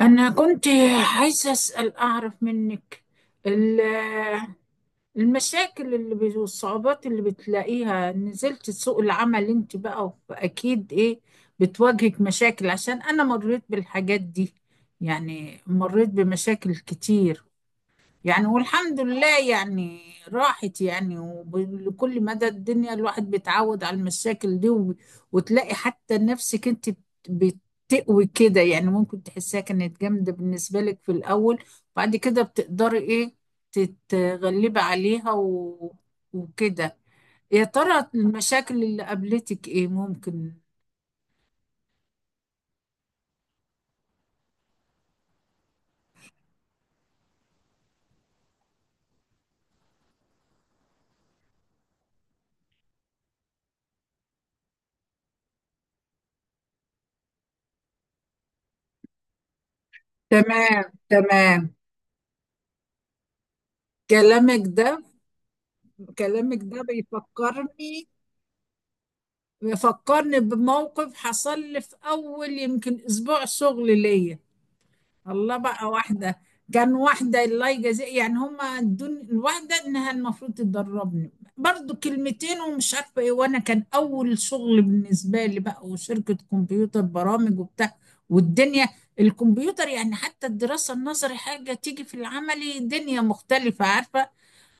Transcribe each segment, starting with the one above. أنا كنت عايزة أسأل أعرف منك ال- المشاكل اللي والصعوبات اللي بتلاقيها نزلت سوق العمل، أنت بقى أكيد إيه بتواجهك مشاكل، عشان أنا مريت بالحاجات دي. يعني مريت بمشاكل كتير، يعني والحمد لله، يعني راحت يعني. وكل مدى الدنيا الواحد بيتعود على المشاكل دي، وتلاقي حتى نفسك انت بت- بتقوي كده، يعني ممكن تحسها كانت جامدة بالنسبة لك في الأول. بعد كده بتقدري ايه تتغلبي عليها وكده. يا ترى المشاكل اللي قابلتك ايه ممكن؟ تمام، تمام. كلامك ده كلامك ده بيفكرني بموقف حصل لي في اول يمكن اسبوع شغل ليا. الله بقى، كان واحده الله يجازيها، يعني هما ادوني الواحده انها المفروض تدربني. برضو كلمتين ومش عارفه ايه، وانا كان اول شغل بالنسبه لي بقى، وشركه كمبيوتر برامج وبتاع والدنيا. الكمبيوتر يعني، حتى الدراسه النظري حاجه تيجي في العملي دنيا مختلفه، عارفه؟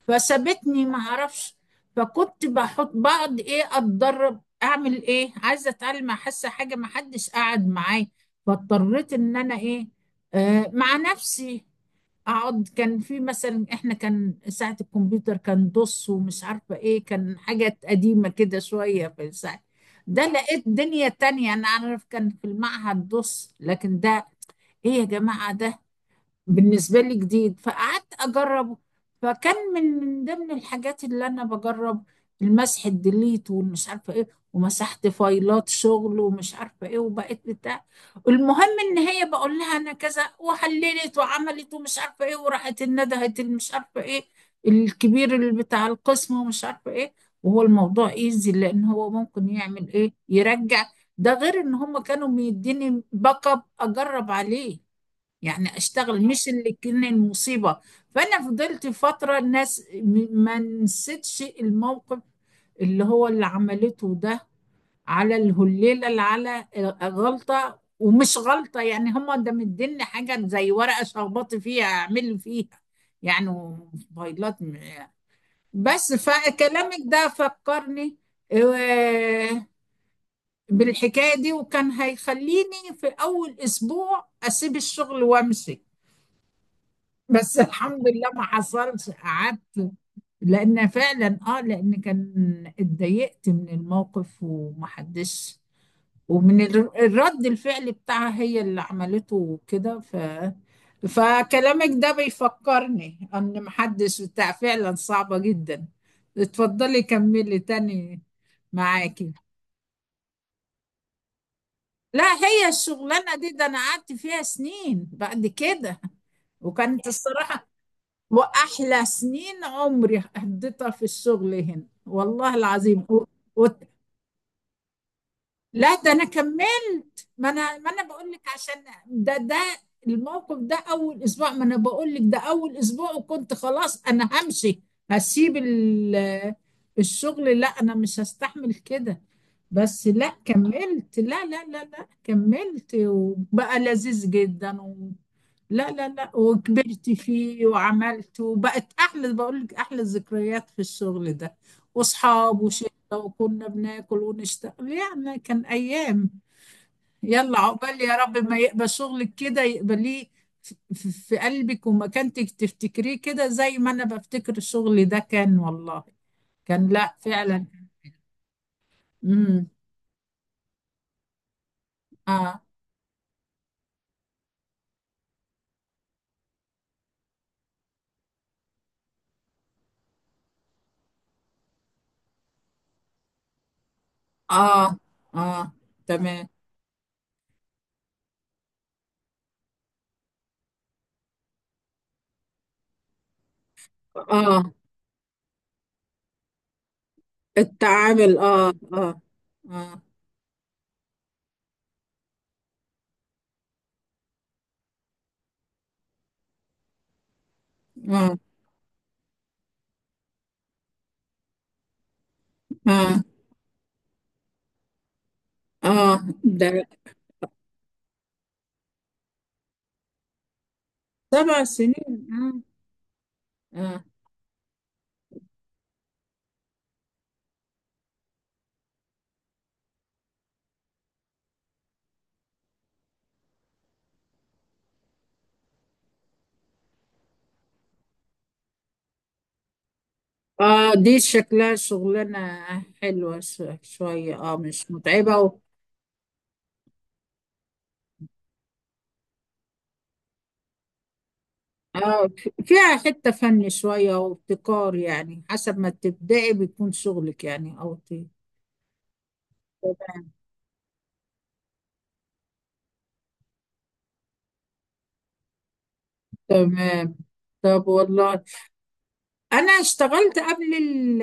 فسابتني ما اعرفش. فكنت بحط بقعد ايه اتدرب، اعمل ايه، عايزه اتعلم، حاسه حاجه ما حدش قعد معايا. فاضطريت ان انا ايه، مع نفسي اقعد. كان في مثلا، احنا كان ساعه الكمبيوتر كان DOS ومش عارفه ايه، كان حاجات قديمه كده شويه في الساعه ده. لقيت دنيا تانية، انا اعرف كان في المعهد DOS، لكن ده ايه يا جماعه، ده بالنسبة لي جديد، فقعدت أجربه. فكان من ضمن الحاجات اللي أنا بجرب المسح الديليت والمش عارفة إيه، ومسحت فايلات شغل ومش عارفة إيه وبقيت بتاع. المهم إن هي بقول لها أنا كذا وحللت وعملت ومش عارفة إيه، وراحت الندهت مش عارفة إيه الكبير اللي بتاع القسم ومش عارفة إيه. وهو الموضوع إيزي، لأن هو ممكن يعمل إيه يرجع. ده غير إن هم كانوا بيديني باك أب أجرب عليه، يعني اشتغل، مش اللي كان المصيبة. فانا فضلت فترة الناس ما نسيتش الموقف اللي هو اللي عملته ده على الهليلة، اللي على غلطة ومش غلطة يعني، هما ده مديني حاجة زي ورقة شخبطت فيها اعمل فيها يعني فايلات بس فكلامك ده فكرني آه، بالحكاية دي. وكان هيخليني في أول أسبوع أسيب الشغل وأمشي، بس الحمد لله ما حصلش، قعدت. لان فعلا، لان كان اتضايقت من الموقف ومحدش، ومن الرد الفعل بتاعها هي اللي عملته كده، فكلامك ده بيفكرني ان محدش بتاع، فعلا صعبة جدا. اتفضلي كملي تاني معاكي. لا هي الشغلانة دي، ده انا قعدت فيها سنين بعد كده، وكانت الصراحة. وأحلى سنين عمري قضيتها في الشغل هنا والله العظيم و... لا ده أنا كملت، ما أنا بقول لك عشان ده الموقف ده أول أسبوع. ما أنا بقول لك ده أول أسبوع، وكنت خلاص أنا همشي، هسيب الشغل، لا أنا مش هستحمل كده. بس لا كملت، لا، لا، لا، لا كملت وبقى لذيذ جدا. لا، لا، لا وكبرت فيه وعملت وبقت أحلى، بقول لك أحلى الذكريات في الشغل ده. وأصحاب وشلة، وكنا بناكل ونشتغل يعني، كان أيام. يلا عقبال، يا رب ما يقبل شغلك كده يقبليه في في قلبك ومكانتك، تفتكريه كده زي ما أنا بفتكر الشغل ده، كان والله كان لا فعلا. امم. اه، اه، اه. تمام. اه. التعامل اه، اه، اه، اه، آه. اه ده 7 سنين. اه، اه، اه. دي شكلها شغلانة حلوة شوية، اه مش متعبة اه فيها حتة فن شوية وابتكار، يعني حسب ما تبدأي بيكون شغلك، يعني او تمام. طب والله، انا اشتغلت قبل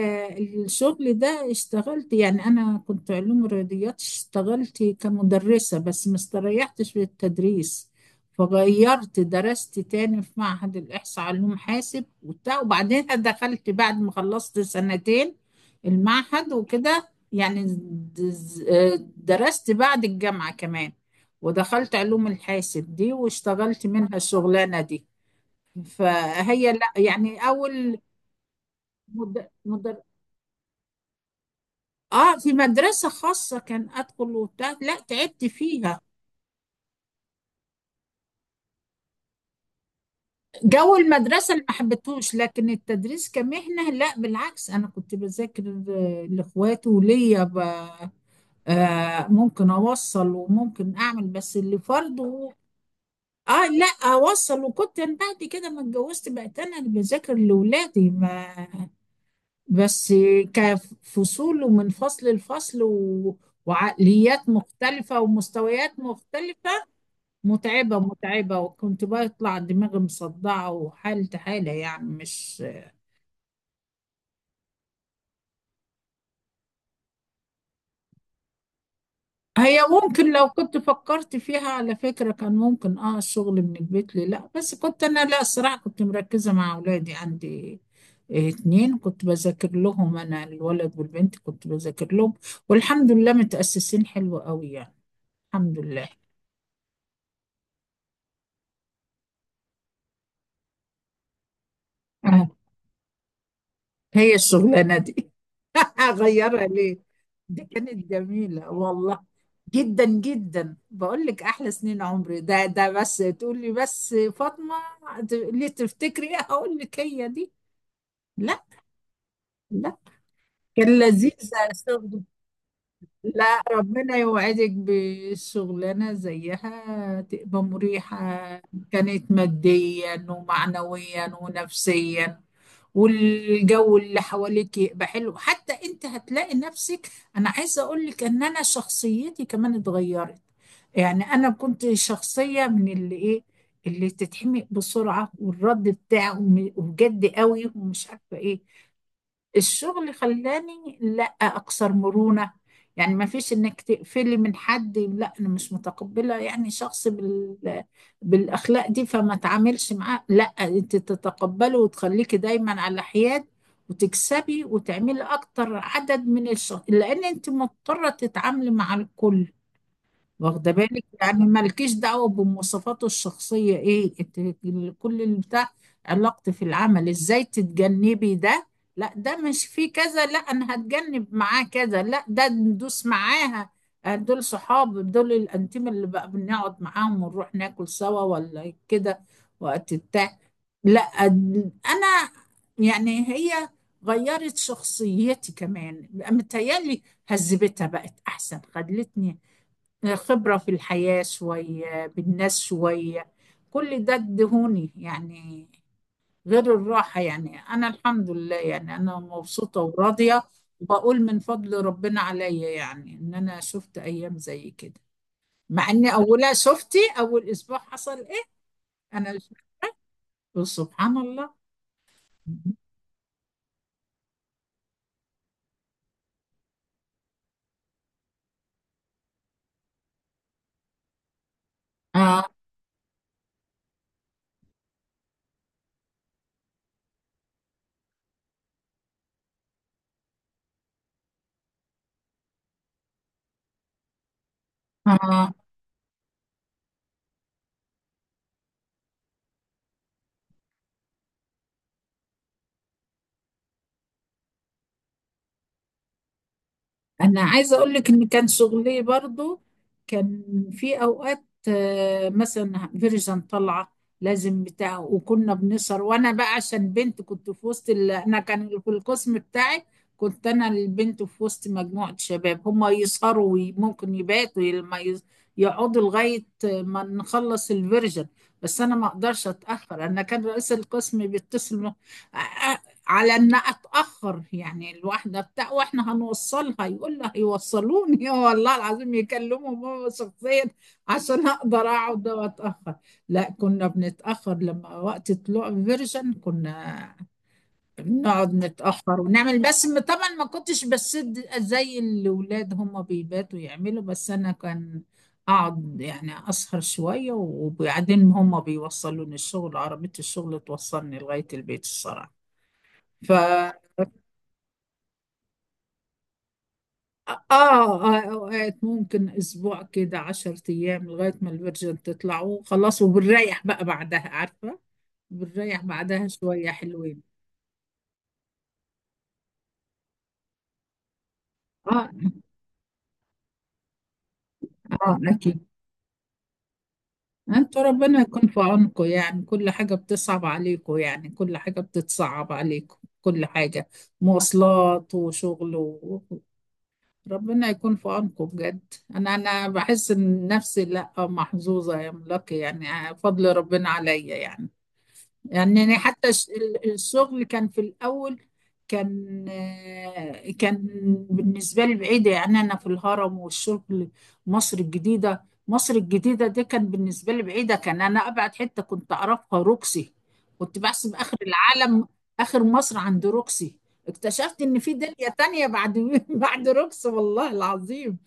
الشغل ده، اشتغلت يعني، انا كنت علوم رياضيات، اشتغلت كمدرسة بس ما استريحتش في التدريس. فغيرت، درست تاني في معهد الإحصاء علوم حاسب وبتاع، وبعدين دخلت بعد ما خلصت سنتين المعهد وكده يعني. دز- درست بعد الجامعة كمان، ودخلت علوم الحاسب دي واشتغلت منها الشغلانة دي. فهي لا يعني أول مد... مدر... اه في مدرسة خاصة كان ادخل وبتاع، لا تعبت فيها. جو المدرسة اللي ما حبيتهوش، لكن التدريس كمهنة لا بالعكس، انا كنت بذاكر لاخواتي وليا آه ممكن اوصل وممكن اعمل بس اللي فرضه، اه لا اوصل. وكنت أنا بعد كده ما اتجوزت بقيت انا اللي بذاكر لاولادي، ما بس كفصول ومن فصل لفصل وعقليات مختلفة ومستويات مختلفة. متعبة متعبة، وكنت بطلع دماغي مصدعة وحالة حالة يعني مش. هي ممكن لو كنت فكرت فيها على فكرة كان ممكن اه الشغل من البيت لي، لا بس كنت انا، لا الصراحة كنت مركزة مع اولادي عندي. آه، اتنين كنت بذاكر لهم انا الولد والبنت كنت بذاكر لهم، والحمد لله متأسسين حلو قوي يعني، الحمد لله. آه. هي الشغلانة دي اغيرها ليه؟ دي كانت جميلة والله جدا جدا، بقول لك احلى سنين عمري، ده بس تقول لي بس فاطمة ليه تفتكري ايه هقول لك هي دي. لا، لا كان لذيذ. الشغل لا ربنا يوعدك بشغلانة زيها تبقى مريحة. كانت ماديا ومعنويا ونفسيا، والجو اللي حواليك يبقى حلو، حتى انت هتلاقي نفسك. انا عايزه اقول لك ان انا شخصيتي كمان اتغيرت، يعني انا كنت شخصيه من اللي ايه اللي تتحمق بسرعه والرد بتاعه وجد قوي ومش عارفه ايه. الشغل خلاني لا اكثر مرونة، يعني ما فيش انك تقفلي من حد، لا انا مش متقبلة يعني شخص بالاخلاق دي فما تعاملش معاه. لا، انت تتقبله وتخليكي دايما على حياد، وتكسبي وتعملي اكتر عدد من الشخص لان انت مضطرة تتعاملي مع الكل. واخده بالك يعني، مالكيش دعوه بمواصفاته الشخصيه ايه كل البتاع. علاقتي في العمل ازاي تتجنبي ده، لا ده مش فيه كذا، لا انا هتجنب معاه كذا، لا ده ندوس معاها. آه، دول صحاب دول الانتيم اللي بقى بنقعد معاهم ونروح ناكل سوا ولا كده وقت بتاع. لا انا يعني، هي غيرت شخصيتي كمان متهيألي، هذبتها بقت احسن، خلتني خبرة في الحياة شوية، بالناس شوية، كل ده ادهوني يعني، غير الراحة. يعني أنا الحمد لله، يعني أنا مبسوطة وراضية. وبقول من فضل ربنا عليا يعني إن أنا شفت أيام زي كده، مع إن أولها شفتي أول أسبوع حصل إيه. أنا شفت سبحان الله. آه، آه، انا عايزه اقول لك ان كان شغلي برضو كان في اوقات، مثلا فيرجن طالعه لازم بتاع، وكنا بنسهر، وانا بقى عشان بنت كنت في وسط انا كان في القسم بتاعي كنت انا البنت في وسط مجموعه شباب هما يسهروا وممكن يباتوا لما يقعدوا لغايه ما نخلص الفيرجن. بس انا ما اقدرش اتاخر، انا كان رئيس القسم بيتصل آه، على ان اتاخر يعني الواحده بتاع، واحنا هنوصلها يقول لها يوصلوني والله العظيم يكلمهم هو شخصيا عشان اقدر اقعد واتاخر. لا كنا بنتاخر لما وقت طلوع الفيرجن، كنا بنقعد نتاخر ونعمل بس طبعا ما كنتش بسد زي الاولاد هم بيباتوا يعملوا، بس انا كان اقعد يعني اسهر شويه، وبعدين هم بيوصلوني الشغل، عربيه الشغل توصلني لغايه البيت الصراحه. ف آه, آه أوقات ممكن أسبوع كده 10 أيام لغاية ما الفيرجن تطلعوا خلاص، وبنريح بقى بعدها، عارفة بنريح بعدها شوية حلوين. آه، آه أكيد. أنتوا ربنا يكون في عونكم يعني، كل حاجة بتصعب عليكم، يعني كل حاجة بتتصعب عليكم، كل حاجة مواصلات وشغل ربنا يكون في عونكم بجد. أنا بحس إن نفسي لأ محظوظة يا ملاكي، يعني فضل ربنا عليا يعني. يعني أنا حتى الشغل كان في الأول، كان بالنسبة لي بعيدة. يعني أنا في الهرم والشغل مصر الجديدة، دي كان بالنسبة لي بعيدة، كان أنا أبعد حتة كنت أعرفها روكسي، كنت بحسب آخر العالم. آخر مصر عند روكسي، اكتشفت إن في دنيا تانية بعد بعد روكسي والله العظيم.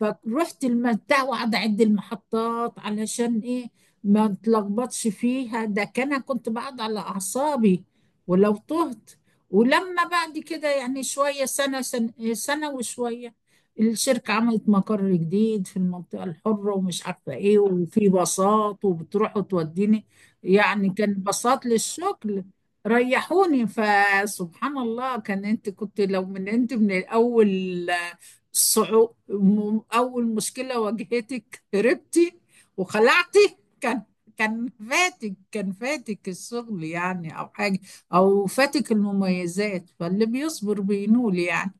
فروحت المتاع، وقعد اعد المحطات علشان ايه ما اتلخبطش فيها، ده كان أنا كنت بقعد على اعصابي ولو تهت. ولما بعد كده يعني شويه سنة وشويه، الشركه عملت مقر جديد في المنطقه الحره ومش عارفه ايه، وفي باصات وبتروح وتوديني، يعني كان باصات للشغل. ريحوني، فسبحان الله كان، انت كنت لو من الاول، أول مشكلة واجهتك هربتي وخلعتي، كان فاتك الشغل يعني أو حاجة، أو فاتك المميزات، فاللي بيصبر بينول يعني.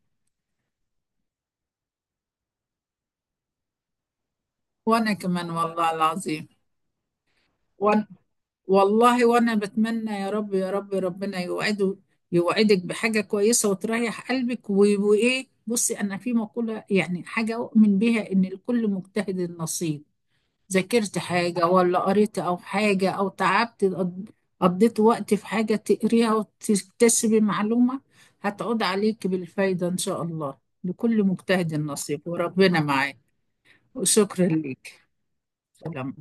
وأنا كمان والله العظيم، وأنا وأنا بتمنى يا رب يا رب، ربنا يوعدك بحاجة كويسة وتريح قلبك وإيه بصي، أنا في مقولة يعني حاجة أؤمن بيها إن لكل مجتهد نصيب. ذاكرت حاجة ولا قريت أو حاجة أو تعبت، قضيت وقت في حاجة تقريها وتكتسبي معلومة، هتعود عليك بالفايدة إن شاء الله. لكل مجتهد نصيب وربنا معاك. وشكرا ليك، سلام.